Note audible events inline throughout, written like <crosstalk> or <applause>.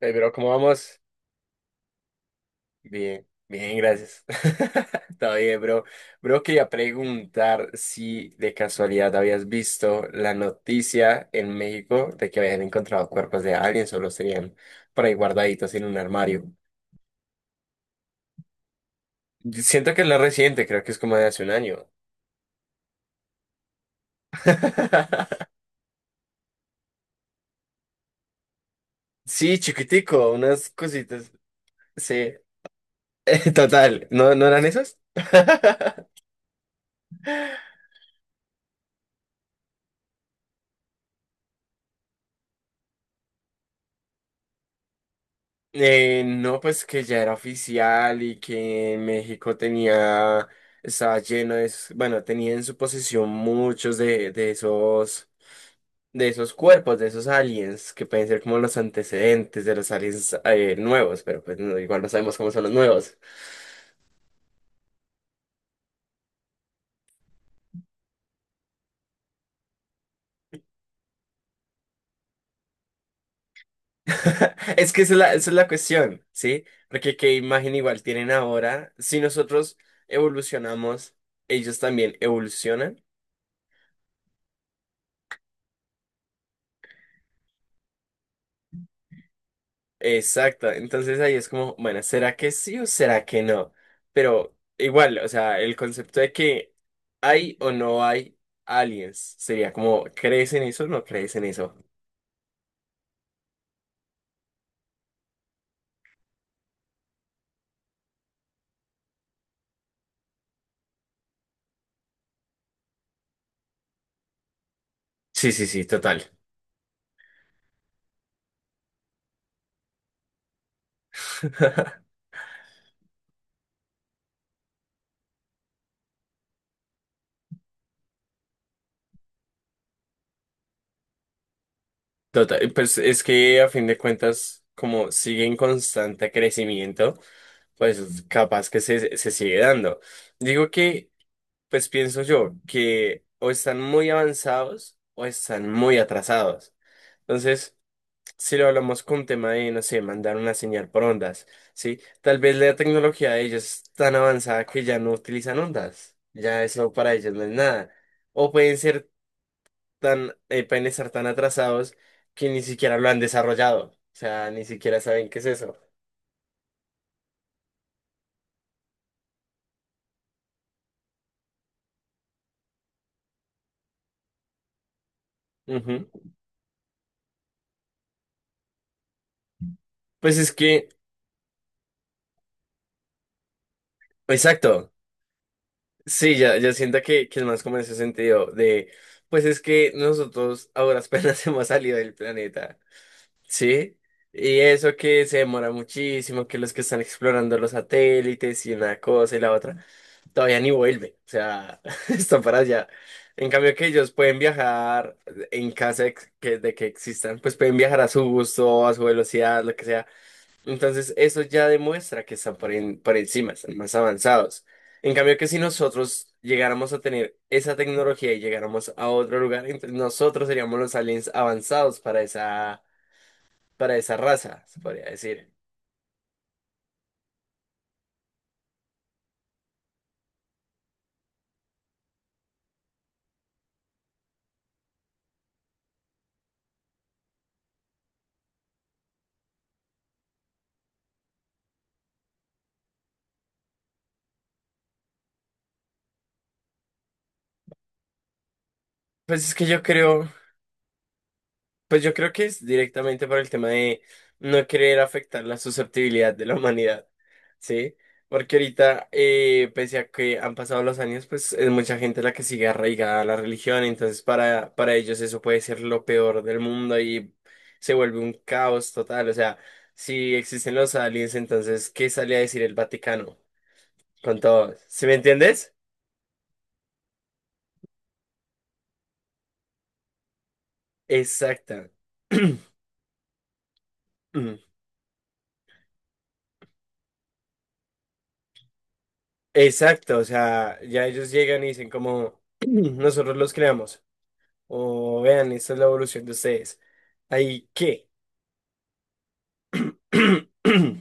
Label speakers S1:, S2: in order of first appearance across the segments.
S1: Hey, bro, ¿cómo vamos? Bien, bien, gracias. <laughs> Está bien, bro. Bro, quería preguntar si de casualidad habías visto la noticia en México de que habían encontrado cuerpos de aliens o los tenían por ahí guardaditos en un armario. Siento que es la reciente, creo que es como de hace un año. Sí, chiquitico, unas cositas. Sí, <laughs> total. ¿No, no eran esas? <laughs> No, pues que ya era oficial y que México tenía, estaba lleno de, esos, bueno, tenía en su posesión muchos de esos, de esos cuerpos, de esos aliens, que pueden ser como los antecedentes de los aliens nuevos, pero pues no, igual no sabemos cómo son los nuevos. <laughs> Es que esa es esa es la cuestión, ¿sí? Porque qué imagen igual tienen ahora, si nosotros evolucionamos, ellos también evolucionan. Exacto, entonces ahí es como, bueno, ¿será que sí o será que no? Pero igual, o sea, el concepto de que hay o no hay aliens sería como, ¿crees en eso o no crees en eso? Sí, sí, sí, total. <laughs> Total, pues es que a fin de cuentas, como sigue en constante crecimiento, pues capaz que se sigue dando. Digo que, pues pienso yo, que o están muy avanzados o están muy atrasados. Entonces, si lo hablamos con un tema de, no sé, mandar una señal por ondas, ¿sí? Tal vez la tecnología de ellos es tan avanzada que ya no utilizan ondas, ya eso para ellos no es nada. O pueden ser tan, pueden estar tan atrasados que ni siquiera lo han desarrollado, o sea, ni siquiera saben qué es eso. Ujú. Pues es que, exacto, sí, ya, ya siento que es más como en ese sentido de, pues es que nosotros ahora apenas <laughs> hemos salido del planeta. Sí, y eso que se demora muchísimo, que los que están explorando los satélites y una cosa y la otra, todavía ni vuelve, o sea, <laughs> está para allá. En cambio que ellos pueden viajar en caso de de que existan, pues pueden viajar a su gusto, a su velocidad, lo que sea. Entonces, eso ya demuestra que están por, en- por encima, están más avanzados. En cambio que si nosotros llegáramos a tener esa tecnología y llegáramos a otro lugar, entonces nosotros seríamos los aliens avanzados para esa raza, se podría decir. Pues es que yo creo, pues yo creo que es directamente por el tema de no querer afectar la susceptibilidad de la <laughs> humanidad, ¿sí? Porque ahorita, pese a que han pasado los años, pues es mucha gente la que sigue arraigada a la religión, entonces para ellos eso puede ser lo peor del mundo y se vuelve un caos total, o sea, si existen los aliens, entonces, ¿qué sale a decir el Vaticano con todos? ¿Sí me entiendes? Exacta. <clears throat> Exacto, o sea, ya ellos llegan y dicen como <clears throat> nosotros los creamos, o vean, esta es la evolución de ustedes. ¿Ahí qué? <clears throat>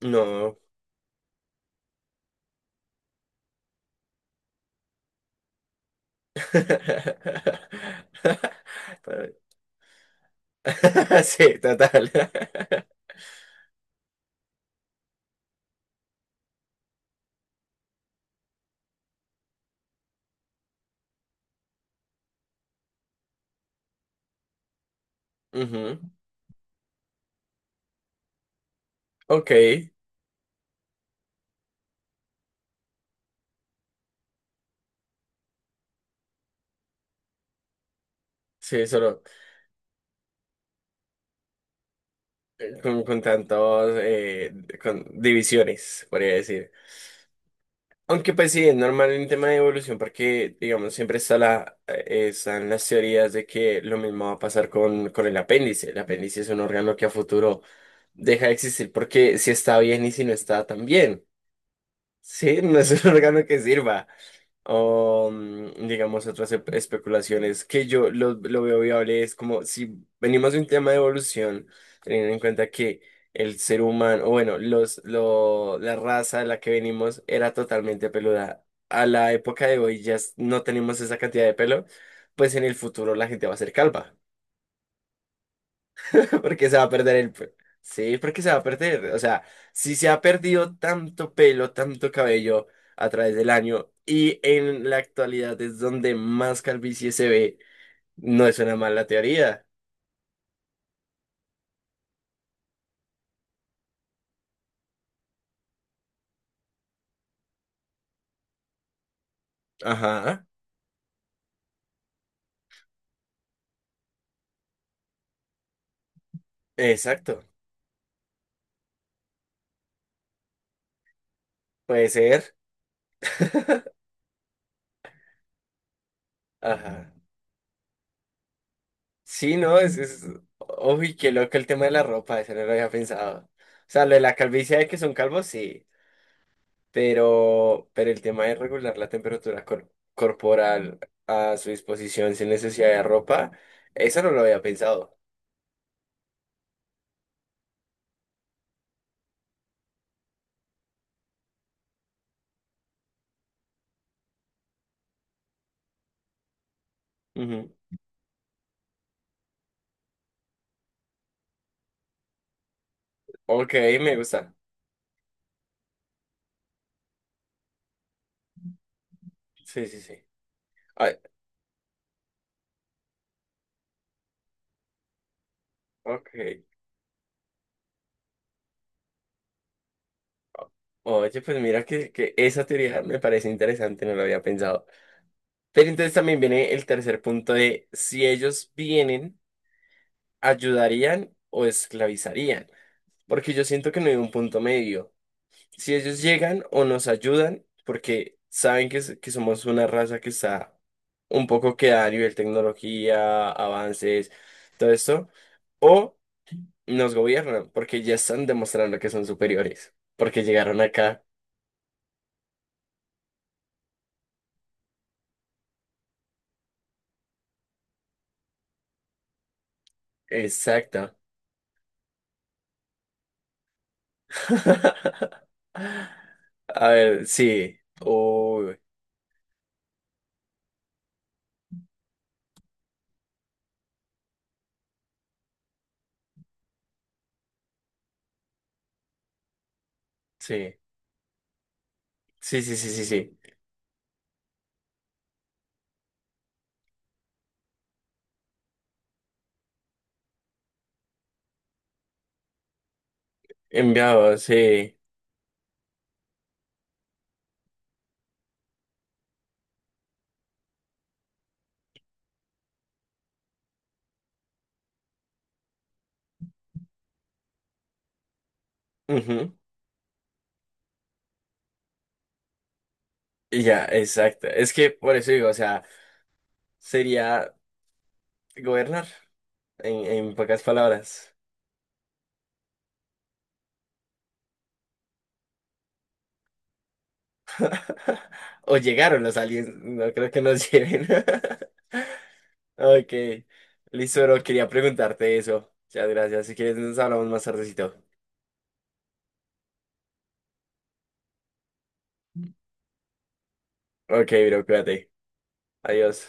S1: No. <laughs> Sí, total. <laughs> Ujú. Ok, sí, solo con tantos, con divisiones, podría decir. Aunque pues sí, es normal en tema de evolución porque, digamos, siempre está la, están las teorías de que lo mismo va a pasar con el apéndice. El apéndice es un órgano que a futuro deja de existir porque si está bien y si no está tan bien. Sí, <laughs> no es un <laughs> órgano que sirva o digamos otras espe- especulaciones que yo lo veo viable es como si venimos de un tema de evolución, teniendo en cuenta que el ser humano, o bueno, la raza de la que venimos era totalmente peluda. A la época de hoy ya s- no tenemos esa cantidad de pelo, pues en el futuro la gente va a ser calva. <laughs> Porque se va a perder el pelo. Sí, porque se va a perder. O sea, si se ha perdido tanto pelo, tanto cabello a través del año y en la actualidad es donde más calvicie se ve, no es una mala teoría. Ajá, exacto. Puede ser. <laughs> Ajá. Sí, no, es... Uy, qué loco el tema de la ropa, eso no lo había pensado. O sea, lo de la calvicie de que son calvos, sí. Pero el tema es regular la temperatura cor- corporal a su disposición sin necesidad de ropa, eso no lo había pensado. Ujú. Ok, me gusta. Sí, sí, sí. Ay, ok. Oye, pues mira que esa teoría me parece interesante, no lo había pensado. Pero entonces también viene el tercer punto de si ellos vienen, ayudarían o esclavizarían. Porque yo siento que no hay un punto medio. Si ellos llegan o nos ayudan, porque saben que, s- que somos una raza que está un poco queda a nivel tecnología, avances, todo esto, o nos gobiernan, porque ya están demostrando que son superiores, porque llegaron acá. Exacto. <laughs> A ver, sí. Uy, sí. Sí, sí, sí, sí, sí. Enviado, sí. Ujú. Y ya, exacto. Es que por eso digo, o sea, sería gobernar, en pocas palabras. <laughs> O llegaron los aliens, no creo que nos lleven. <laughs> Ok, listo, bro, quería preguntarte eso. Muchas gracias. Si quieres, nos hablamos más tardecito. Ok, bro, cuídate. Adiós.